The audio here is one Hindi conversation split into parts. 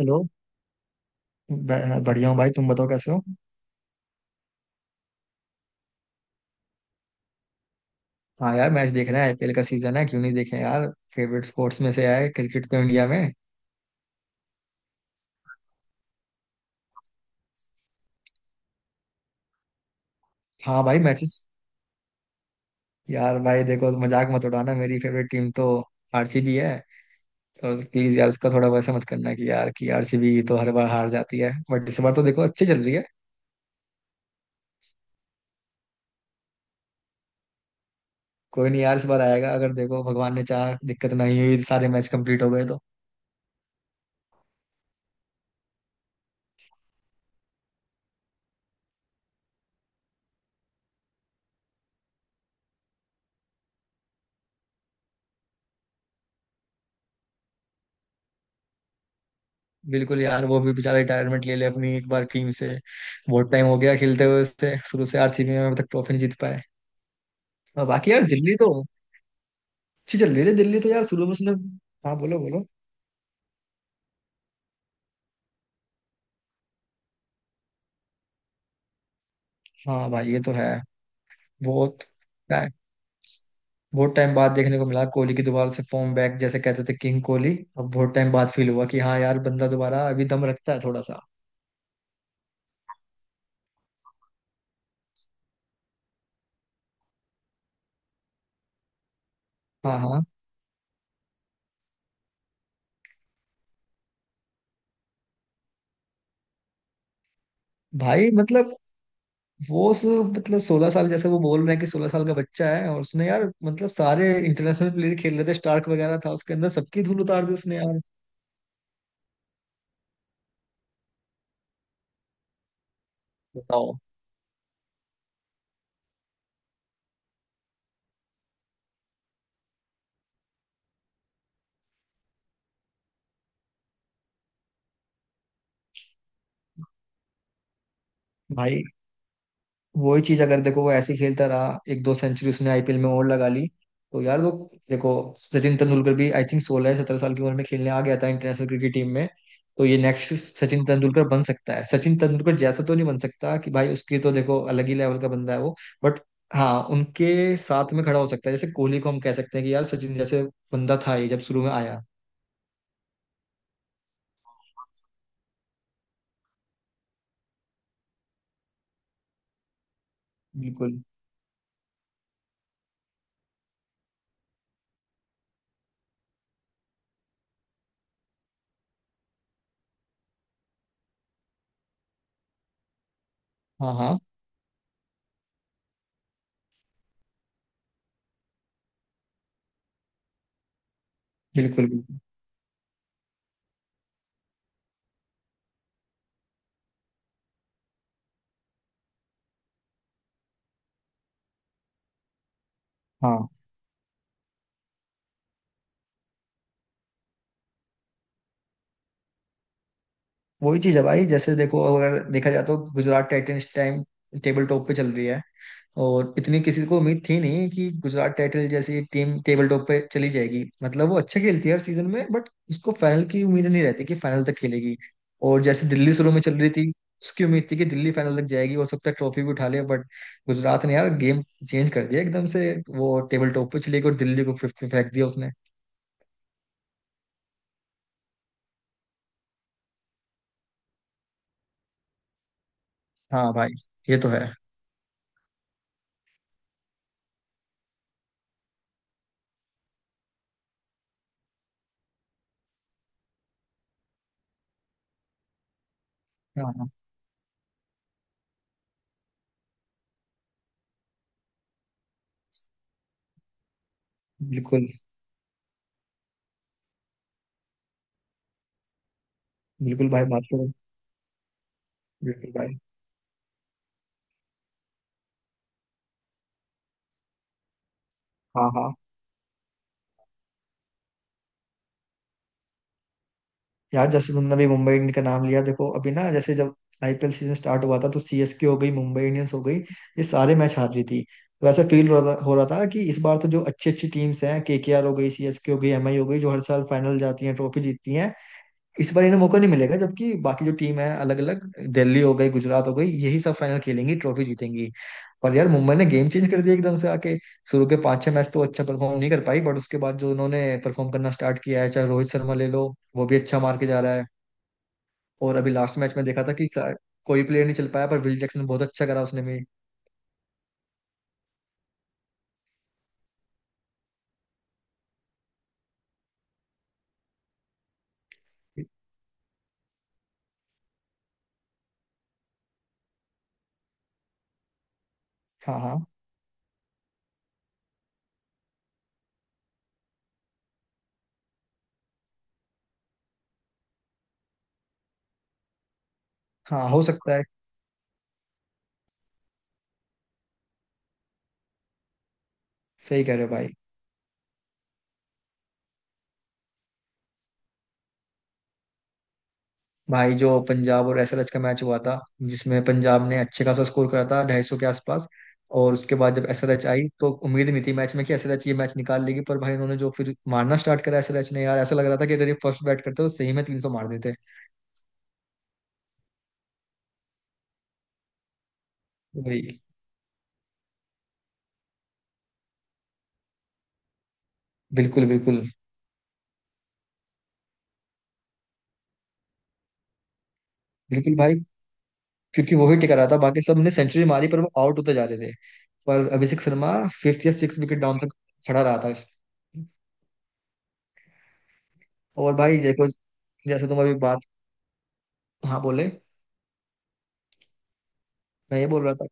हेलो। बढ़िया हूँ भाई, तुम बताओ कैसे हो। हाँ यार, मैच देख रहे हैं, आईपीएल का सीजन है, क्यों नहीं देखें यार। फेवरेट स्पोर्ट्स में से है क्रिकेट, तो इंडिया में। हाँ भाई, मैचेस। यार भाई देखो, मजाक मत उड़ाना, मेरी फेवरेट टीम तो आरसीबी है। तो प्लीज यार उसका थोड़ा वैसा मत करना कि यार कि आरसीबी तो हर बार हार जाती है, बट इस बार तो देखो अच्छी चल रही है। कोई नहीं यार, इस बार आएगा, अगर देखो भगवान ने चाहा, दिक्कत नहीं हुई, सारे मैच कंप्लीट हो गए तो। बिल्कुल यार, वो भी बेचारा रिटायरमेंट ले ले अपनी एक बार टीम से। बहुत टाइम हो गया खेलते हुए उससे, शुरू से आरसीबी में, अब तक ट्रॉफी नहीं जीत पाए। और बाकी यार दिल्ली तो अच्छी चल रही थी, दिल्ली तो यार शुरू में उसने। हाँ, बोलो बोलो। हाँ भाई ये तो है। बहुत बहुत टाइम बाद देखने को मिला कोहली की दोबारा से फॉर्म बैक। जैसे कहते थे किंग कोहली, अब बहुत टाइम बाद फील हुआ कि हाँ यार बंदा दोबारा अभी दम रखता है थोड़ा सा। हाँ हाँ। भाई मतलब, वो उस मतलब 16 साल, जैसे वो बोल रहे हैं कि 16 साल का बच्चा है, और उसने यार मतलब सारे इंटरनेशनल प्लेयर खेल रहे थे, स्टार्क वगैरह था उसके अंदर, सबकी धूल उतार दी उसने यार। बताओ। भाई वही चीज, अगर देखो वो ऐसे ही खेलता रहा, एक दो सेंचुरी उसने आईपीएल में और लगा ली, तो यार वो देखो, सचिन तेंदुलकर भी आई थिंक 16-17 साल की उम्र में खेलने आ गया था इंटरनेशनल क्रिकेट टीम में। तो ये नेक्स्ट सचिन तेंदुलकर बन सकता है। सचिन तेंदुलकर जैसा तो नहीं बन सकता, कि भाई उसकी तो देखो अलग ही लेवल का बंदा है वो। बट हाँ, उनके साथ में खड़ा हो सकता है, जैसे कोहली को हम कह सकते हैं कि यार सचिन जैसे बंदा था ये जब शुरू में आया। बिल्कुल। हाँ हाँ। बिल्कुल बिल्कुल। हाँ वही चीज है भाई, जैसे देखो अगर देखा जाए तो Gujarat Titans time table top पे चल रही है, और इतनी किसी को उम्मीद थी नहीं कि गुजरात टाइटंस जैसी टीम टेबल टॉप पे चली जाएगी। मतलब वो अच्छा खेलती है हर सीजन में, बट उसको फाइनल की उम्मीद नहीं रहती कि फाइनल तक खेलेगी। और जैसे दिल्ली शुरू में चल रही थी, उसकी उम्मीद थी कि दिल्ली फाइनल तक जाएगी, हो सकता है ट्रॉफी भी उठा ले, बट गुजरात ने यार गेम चेंज कर दिया एकदम से। वो टेबल टॉप पे चली गई और दिल्ली को फिफ्थ में फेंक दिया उसने। हाँ भाई ये तो है। हाँ हाँ, बिल्कुल बिल्कुल। भाई बात करो। बिल्कुल भाई। हाँ हाँ। यार जैसे तुमने अभी मुंबई इंडियंस का नाम लिया, देखो अभी ना, जैसे जब आईपीएल सीजन स्टार्ट हुआ था, तो सीएसके हो गई, मुंबई इंडियंस हो गई, ये सारे मैच हार रही थी। तो ऐसा फील हो रहा था कि इस बार तो जो अच्छी अच्छी टीम्स हैं, केकेआर हो गई, सीएसके हो गई, एमआई हो गई, जो हर साल फाइनल जाती हैं, ट्रॉफी जीतती हैं, इस बार इन्हें मौका नहीं मिलेगा। जबकि बाकी जो टीम है अलग अलग, दिल्ली हो गई, गुजरात हो गई, यही सब फाइनल खेलेंगी, ट्रॉफी जीतेंगी। पर यार मुंबई ने गेम चेंज कर दिया एकदम से आके। शुरू के पांच छह मैच तो अच्छा परफॉर्म नहीं कर पाई, बट उसके बाद जो उन्होंने परफॉर्म करना स्टार्ट किया है, चाहे रोहित शर्मा ले लो, वो भी अच्छा मार के जा रहा है। और अभी लास्ट मैच में देखा था कि कोई प्लेयर नहीं चल पाया, पर विल जैक्सन बहुत अच्छा करा उसने भी। हाँ हाँ हाँ, हो सकता है। सही कह रहे हो भाई। भाई जो पंजाब और एसएलएच का मैच हुआ था, जिसमें पंजाब ने अच्छे खासा स्कोर करा था 250 के आसपास, और उसके बाद जब एसएलएच आई तो उम्मीद नहीं थी मैच में कि एसएलएच ये मैच निकाल लेगी, पर भाई उन्होंने जो फिर मारना स्टार्ट करा एसएलएच ने, यार ऐसा लग रहा था कि अगर ये फर्स्ट बैट करते तो सही में 300 मार देते। भाई। बिल्कुल बिल्कुल बिल्कुल। भाई, क्योंकि वो ही टिका रहा था, बाकी सब ने सेंचुरी मारी पर वो आउट होते जा रहे थे। पर अभिषेक शर्मा फिफ्थ या सिक्स विकेट डाउन तक खड़ा रहा था। और भाई देखो, जैसे तुम अभी बात, हाँ बोले। मैं ये बोल रहा था।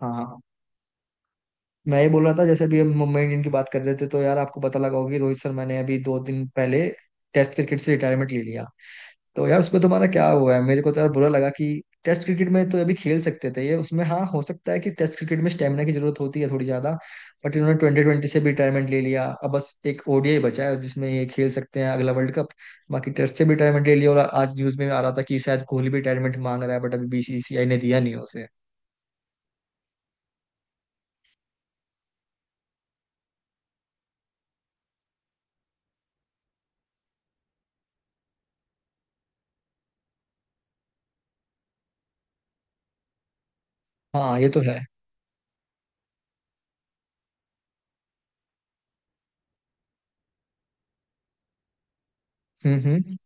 हाँ हाँ हाँ। मैं ये बोल रहा था, जैसे अभी हम मुंबई इंडियन की बात कर रहे थे, तो यार आपको पता लगा होगा कि रोहित शर्मा ने अभी 2 दिन पहले टेस्ट क्रिकेट से रिटायरमेंट ले लिया। तो यार उसमें तुम्हारा क्या हुआ है, मेरे को तो यार बुरा लगा कि टेस्ट क्रिकेट में तो अभी खेल सकते थे ये, उसमें हाँ हो सकता है कि टेस्ट क्रिकेट में स्टेमिना की जरूरत होती है थोड़ी ज्यादा, बट इन्होंने ट्वेंटी ट्वेंटी से भी रिटायरमेंट ले लिया। अब बस एक ओडीआई बचा है जिसमें ये खेल सकते हैं, अगला वर्ल्ड कप। बाकी टेस्ट से भी रिटायरमेंट ले लिया, और आज न्यूज में आ रहा था कि शायद कोहली भी रिटायरमेंट मांग रहा है, बट अभी बीसीसीआई ने दिया नहीं है उसे। हाँ ये तो है। हम्म।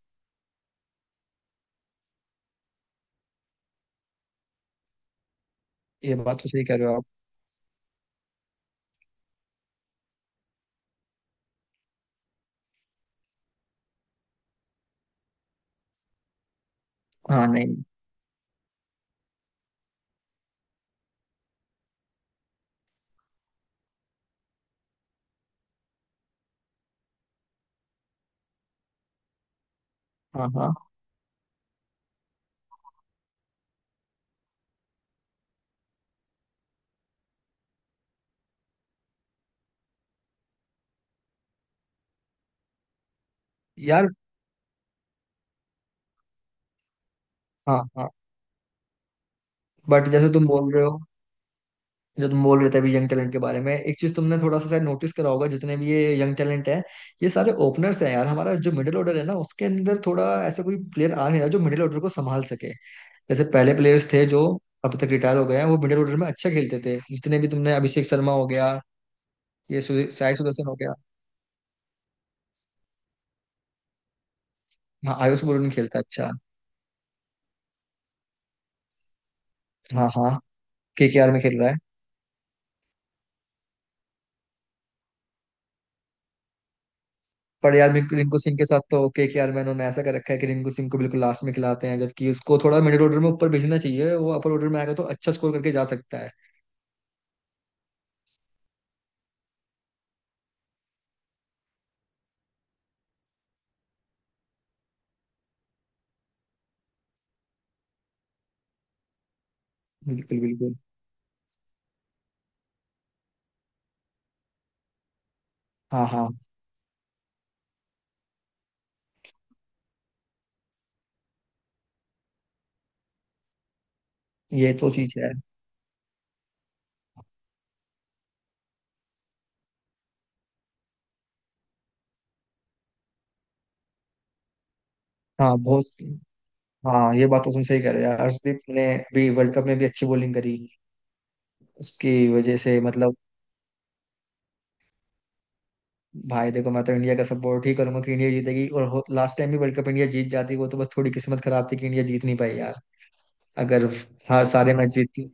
ये बात तो सही कह रहे हो आप। हाँ नहीं। हाँ हाँ यार। हाँ हाँ। बट जैसे तुम बोल रहे हो, जो तुम बोल रहे थे अभी यंग टैलेंट के बारे में, एक चीज तुमने थोड़ा सा शायद नोटिस करा होगा, जितने भी ये यंग टैलेंट है, ये सारे ओपनर्स हैं यार। हमारा जो मिडिल ऑर्डर है ना, उसके अंदर थोड़ा ऐसा कोई प्लेयर आ नहीं रहा जो मिडिल ऑर्डर को संभाल सके। जैसे पहले प्लेयर्स थे जो अब तक रिटायर हो गए हैं, वो मिडिल ऑर्डर में अच्छा खेलते थे। जितने भी, तुमने अभिषेक शर्मा हो गया, ये साई सुदर्शन हो गया। हाँ आयुष बोरुन खेलता है, अच्छा। हाँ हाँ, केकेआर में खेल रहा है। पर यार मेरे को रिंकू सिंह के साथ तो ओके कि यार, मैंने उन्होंने ऐसा कर रखा है कि रिंकू सिंह को बिल्कुल लास्ट में खिलाते हैं, जबकि उसको थोड़ा मिडिल ऑर्डर में ऊपर भेजना चाहिए, वो अपर ऑर्डर में आएगा तो अच्छा स्कोर करके जा सकता है। बिल्कुल बिल्कुल। हाँ हाँ, ये तो चीज है। हाँ बहुत। हाँ, ये बात तो तुम सही कह रहे हो यार, हर्षदीप ने भी वर्ल्ड कप में भी अच्छी बॉलिंग करी, उसकी वजह से मतलब। भाई देखो, मैं तो इंडिया का सपोर्ट ही करूंगा कि इंडिया जीतेगी, और लास्ट टाइम भी वर्ल्ड कप इंडिया जीत जाती, वो तो बस थोड़ी किस्मत खराब थी कि इंडिया जीत नहीं पाई यार, अगर हर सारे मैच जीत।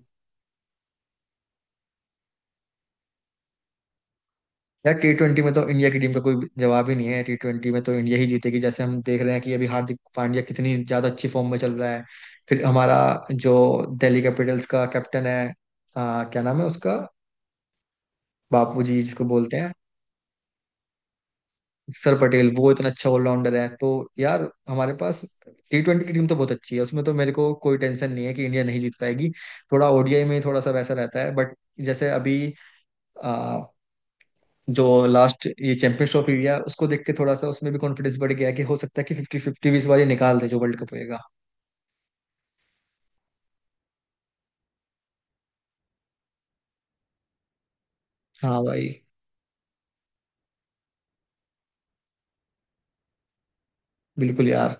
यार टी ट्वेंटी में तो इंडिया की टीम का कोई जवाब ही नहीं है, टी ट्वेंटी में तो इंडिया ही जीतेगी, जैसे हम देख रहे हैं कि अभी हार्दिक पांड्या कितनी ज्यादा अच्छी फॉर्म में चल रहा है। फिर हमारा जो दिल्ली कैपिटल्स का कैप्टन है, क्या नाम है उसका, बापू जी जिसको बोलते हैं, सर पटेल, वो इतना अच्छा ऑलराउंडर है। तो यार हमारे पास टी ट्वेंटी की टीम तो बहुत अच्छी है, उसमें तो मेरे को कोई टेंशन नहीं है कि इंडिया नहीं जीत पाएगी। थोड़ा ओडीआई में थोड़ा सा वैसा रहता है, बट जैसे अभी जो लास्ट ये चैंपियंस ट्रॉफी हुई है, उसको देख के थोड़ा सा उसमें भी कॉन्फिडेंस बढ़ गया है, कि हो सकता है कि फिफ्टी फिफ्टी भी इस बार ये निकाल दे जो वर्ल्ड कप होएगा। हाँ भाई। बिल्कुल यार।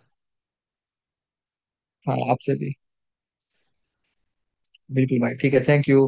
हाँ आपसे भी। बिल्कुल भाई, ठीक है, थैंक यू।